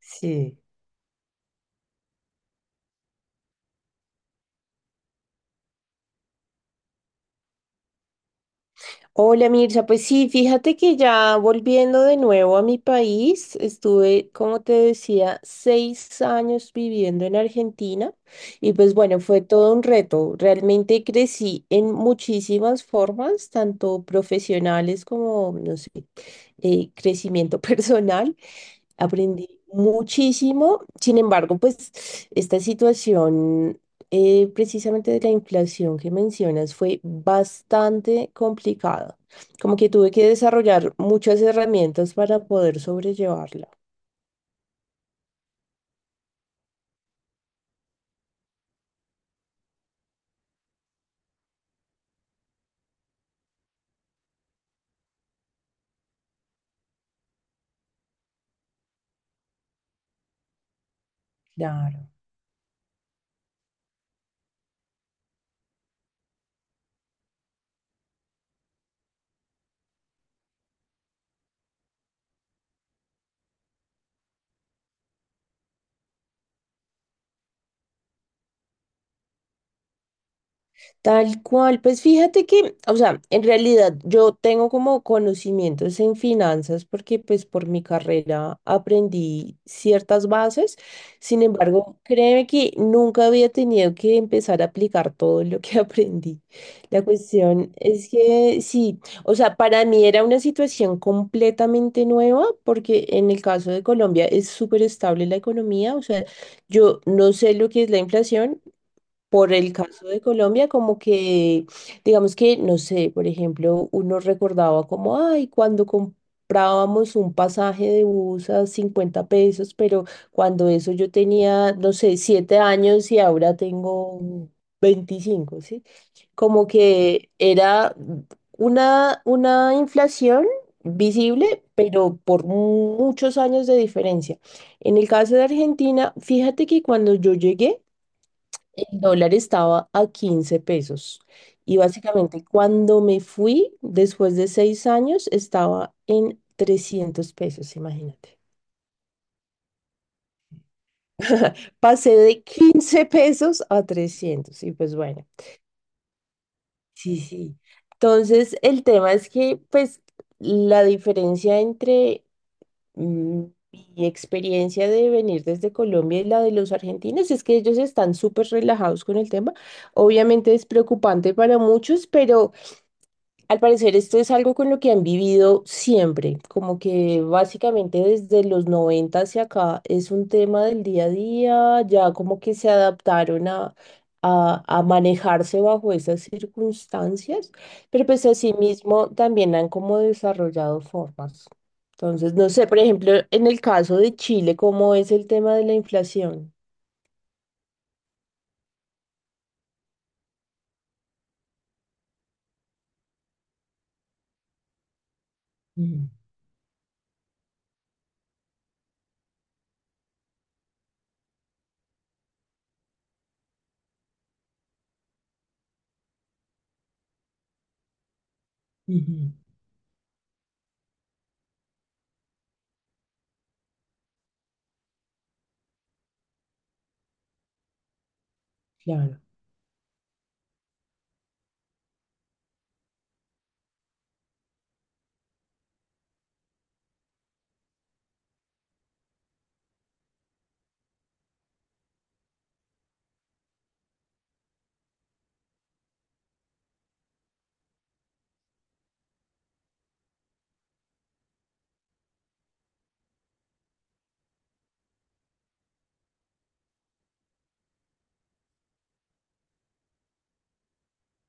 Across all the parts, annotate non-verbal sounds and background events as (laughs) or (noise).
Sí. Hola Mircha, pues sí, fíjate que ya volviendo de nuevo a mi país, estuve, como te decía, 6 años viviendo en Argentina y pues bueno, fue todo un reto. Realmente crecí en muchísimas formas, tanto profesionales como, no sé, crecimiento (laughs) personal. Aprendí muchísimo, sin embargo, pues esta situación precisamente de la inflación que mencionas fue bastante complicada. Como que tuve que desarrollar muchas herramientas para poder sobrellevarla. Claro. Tal cual, pues fíjate que, o sea, en realidad yo tengo como conocimientos en finanzas porque pues por mi carrera aprendí ciertas bases. Sin embargo, créeme que nunca había tenido que empezar a aplicar todo lo que (laughs) aprendí. La cuestión es que sí, o sea, para mí era una situación completamente nueva porque en el caso de Colombia es súper estable la economía, o sea, yo no sé lo que es la inflación. Por el caso de Colombia, como que, digamos que, no sé, por ejemplo, uno recordaba como, ay, cuando comprábamos un pasaje de bus a 50 pesos, pero cuando eso yo tenía, no sé, 7 años y ahora tengo 25, ¿sí? Como que era una inflación visible, pero por muchos años de diferencia. En el caso de Argentina, fíjate que cuando yo llegué, el dólar estaba a 15 pesos y básicamente cuando me fui, después de 6 años, estaba en 300 pesos, imagínate. Pasé de 15 pesos a 300 y pues bueno, sí, sí. Entonces, el tema es que pues la diferencia entre mm, mi experiencia de venir desde Colombia y la de los argentinos es que ellos están súper relajados con el tema. Obviamente es preocupante para muchos, pero al parecer esto es algo con lo que han vivido siempre, como que básicamente desde los 90 hacia acá es un tema del día a día. Ya como que se adaptaron a, a manejarse bajo esas circunstancias, pero pues asimismo también han como desarrollado formas. Entonces, no sé, por ejemplo, en el caso de Chile, ¿cómo es el tema de la inflación? Mm, ujú, claro,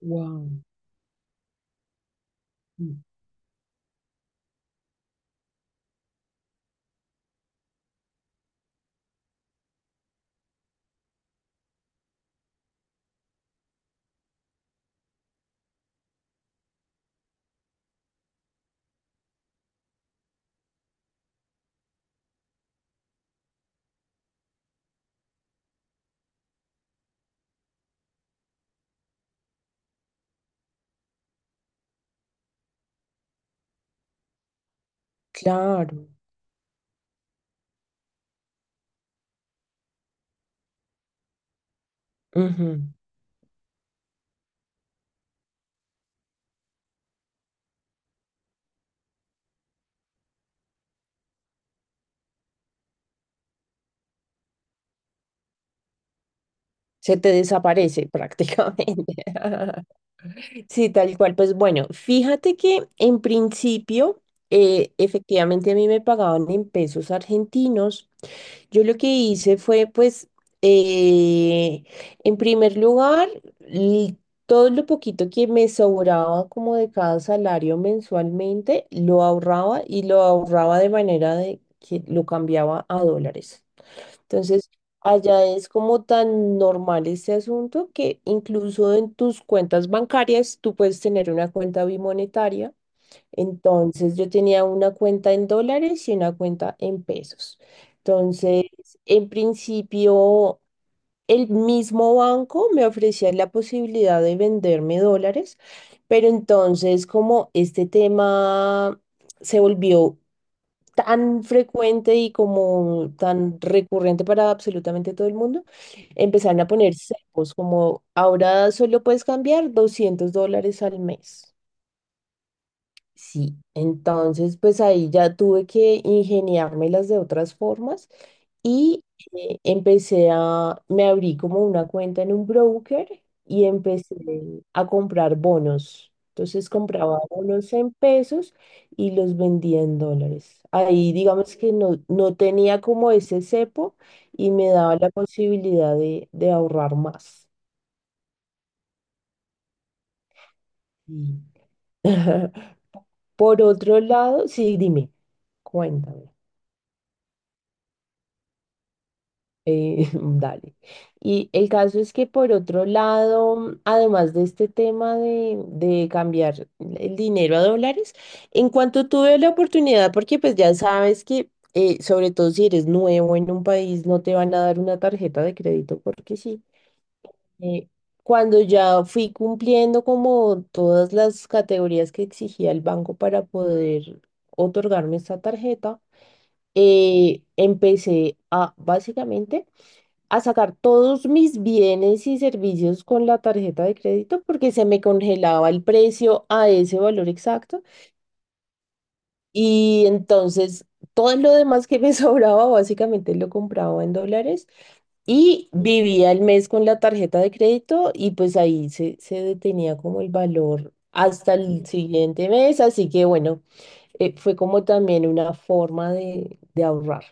wow. Claro. Se te desaparece prácticamente. (laughs) Sí, tal cual. Pues bueno, fíjate que en principio, efectivamente a mí me pagaban en pesos argentinos. Yo lo que hice fue, pues, eh, en primer lugar, l- todo lo poquito que me sobraba como de cada salario mensualmente, lo ahorraba, y lo ahorraba de manera de que lo cambiaba a dólares. Entonces, allá es como tan normal este asunto que incluso en tus cuentas bancarias tú puedes tener una cuenta bimonetaria. Entonces, yo tenía una cuenta en dólares y una cuenta en pesos. Entonces, en principio, el mismo banco me ofrecía la posibilidad de venderme dólares, pero entonces como este tema se volvió tan frecuente y como tan recurrente para absolutamente todo el mundo, empezaron a poner cepos, como ahora solo puedes cambiar 200 dólares al mes. Sí, entonces pues ahí ya tuve que ingeniármelas de otras formas y me abrí como una cuenta en un broker y empecé, ujú, a comprar bonos. Entonces compraba bonos en pesos y los vendía en dólares. Ahí digamos que no, no tenía como ese cepo y me daba la posibilidad de, ahorrar más. Y- (laughs) Por otro lado, sí, dime, cuéntame. (laughs) Dale. Y el caso es que por otro lado, además de este tema de cambiar el dinero a dólares, en cuanto tuve la oportunidad, porque pues ya sabes que sobre todo si eres nuevo en un país, no te van a dar una tarjeta de crédito porque sí. Eh, cuando ya fui cumpliendo como todas las categorías que exigía el banco para poder otorgarme esta tarjeta, empecé a básicamente a sacar todos mis bienes y servicios con la tarjeta de crédito porque se me congelaba el precio a ese valor exacto. Y entonces todo lo demás que me (laughs) sobraba básicamente lo compraba en dólares y vivía el mes con la tarjeta de crédito, y pues ahí se detenía como el valor hasta el siguiente mes, así que bueno, fue como también una forma de ahorrar.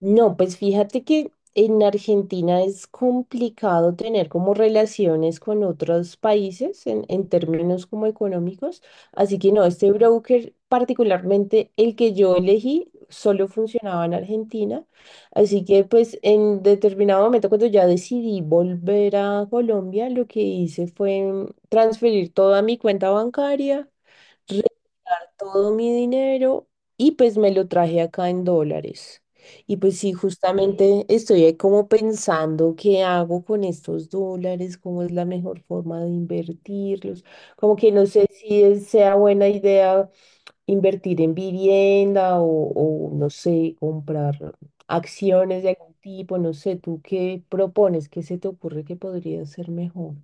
No, pues fíjate que en Argentina es complicado tener como relaciones con otros países en, términos como económicos, así que no, este broker, particularmente el que yo elegí, solo funcionaba en Argentina, así que pues en determinado momento cuando ya decidí volver a Colombia, lo que hice fue transferir toda mi cuenta bancaria, todo mi dinero, y pues me lo traje acá en dólares. Y pues sí, justamente estoy ahí como pensando qué hago con estos dólares, cómo es la mejor forma de invertirlos, como que no sé si sea buena idea invertir en vivienda o, no sé, comprar acciones de algún tipo, no sé, ¿tú qué propones? ¿Qué se te ocurre que podría ser mejor?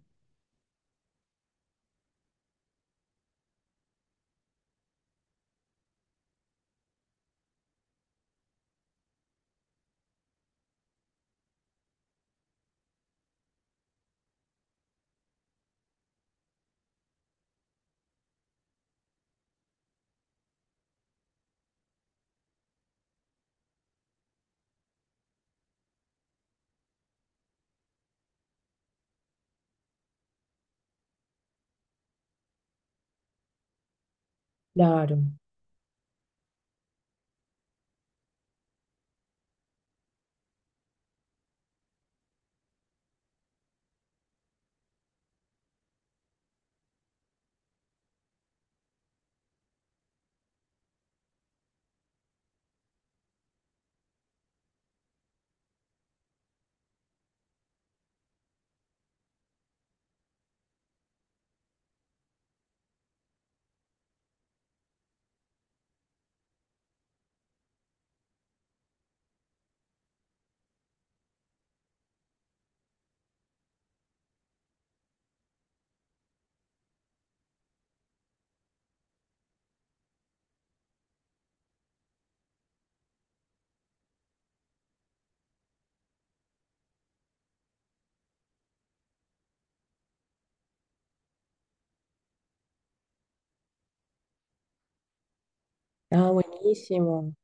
Claro. Ah, buenísimo.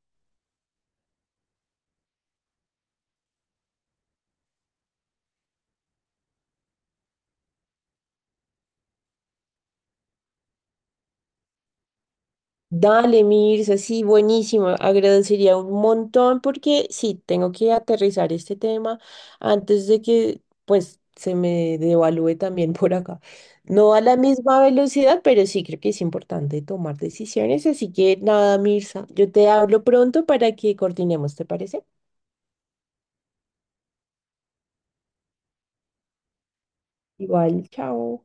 Dale, Mirza, sí, buenísimo. Agradecería un montón porque sí, tengo que aterrizar este tema antes de que pues se me devalúe también (laughs) por acá. No a la misma velocidad, pero sí creo que es importante tomar decisiones. Así que nada, Mirza, yo te hablo pronto para que coordinemos, ¿te parece? Igual, chao.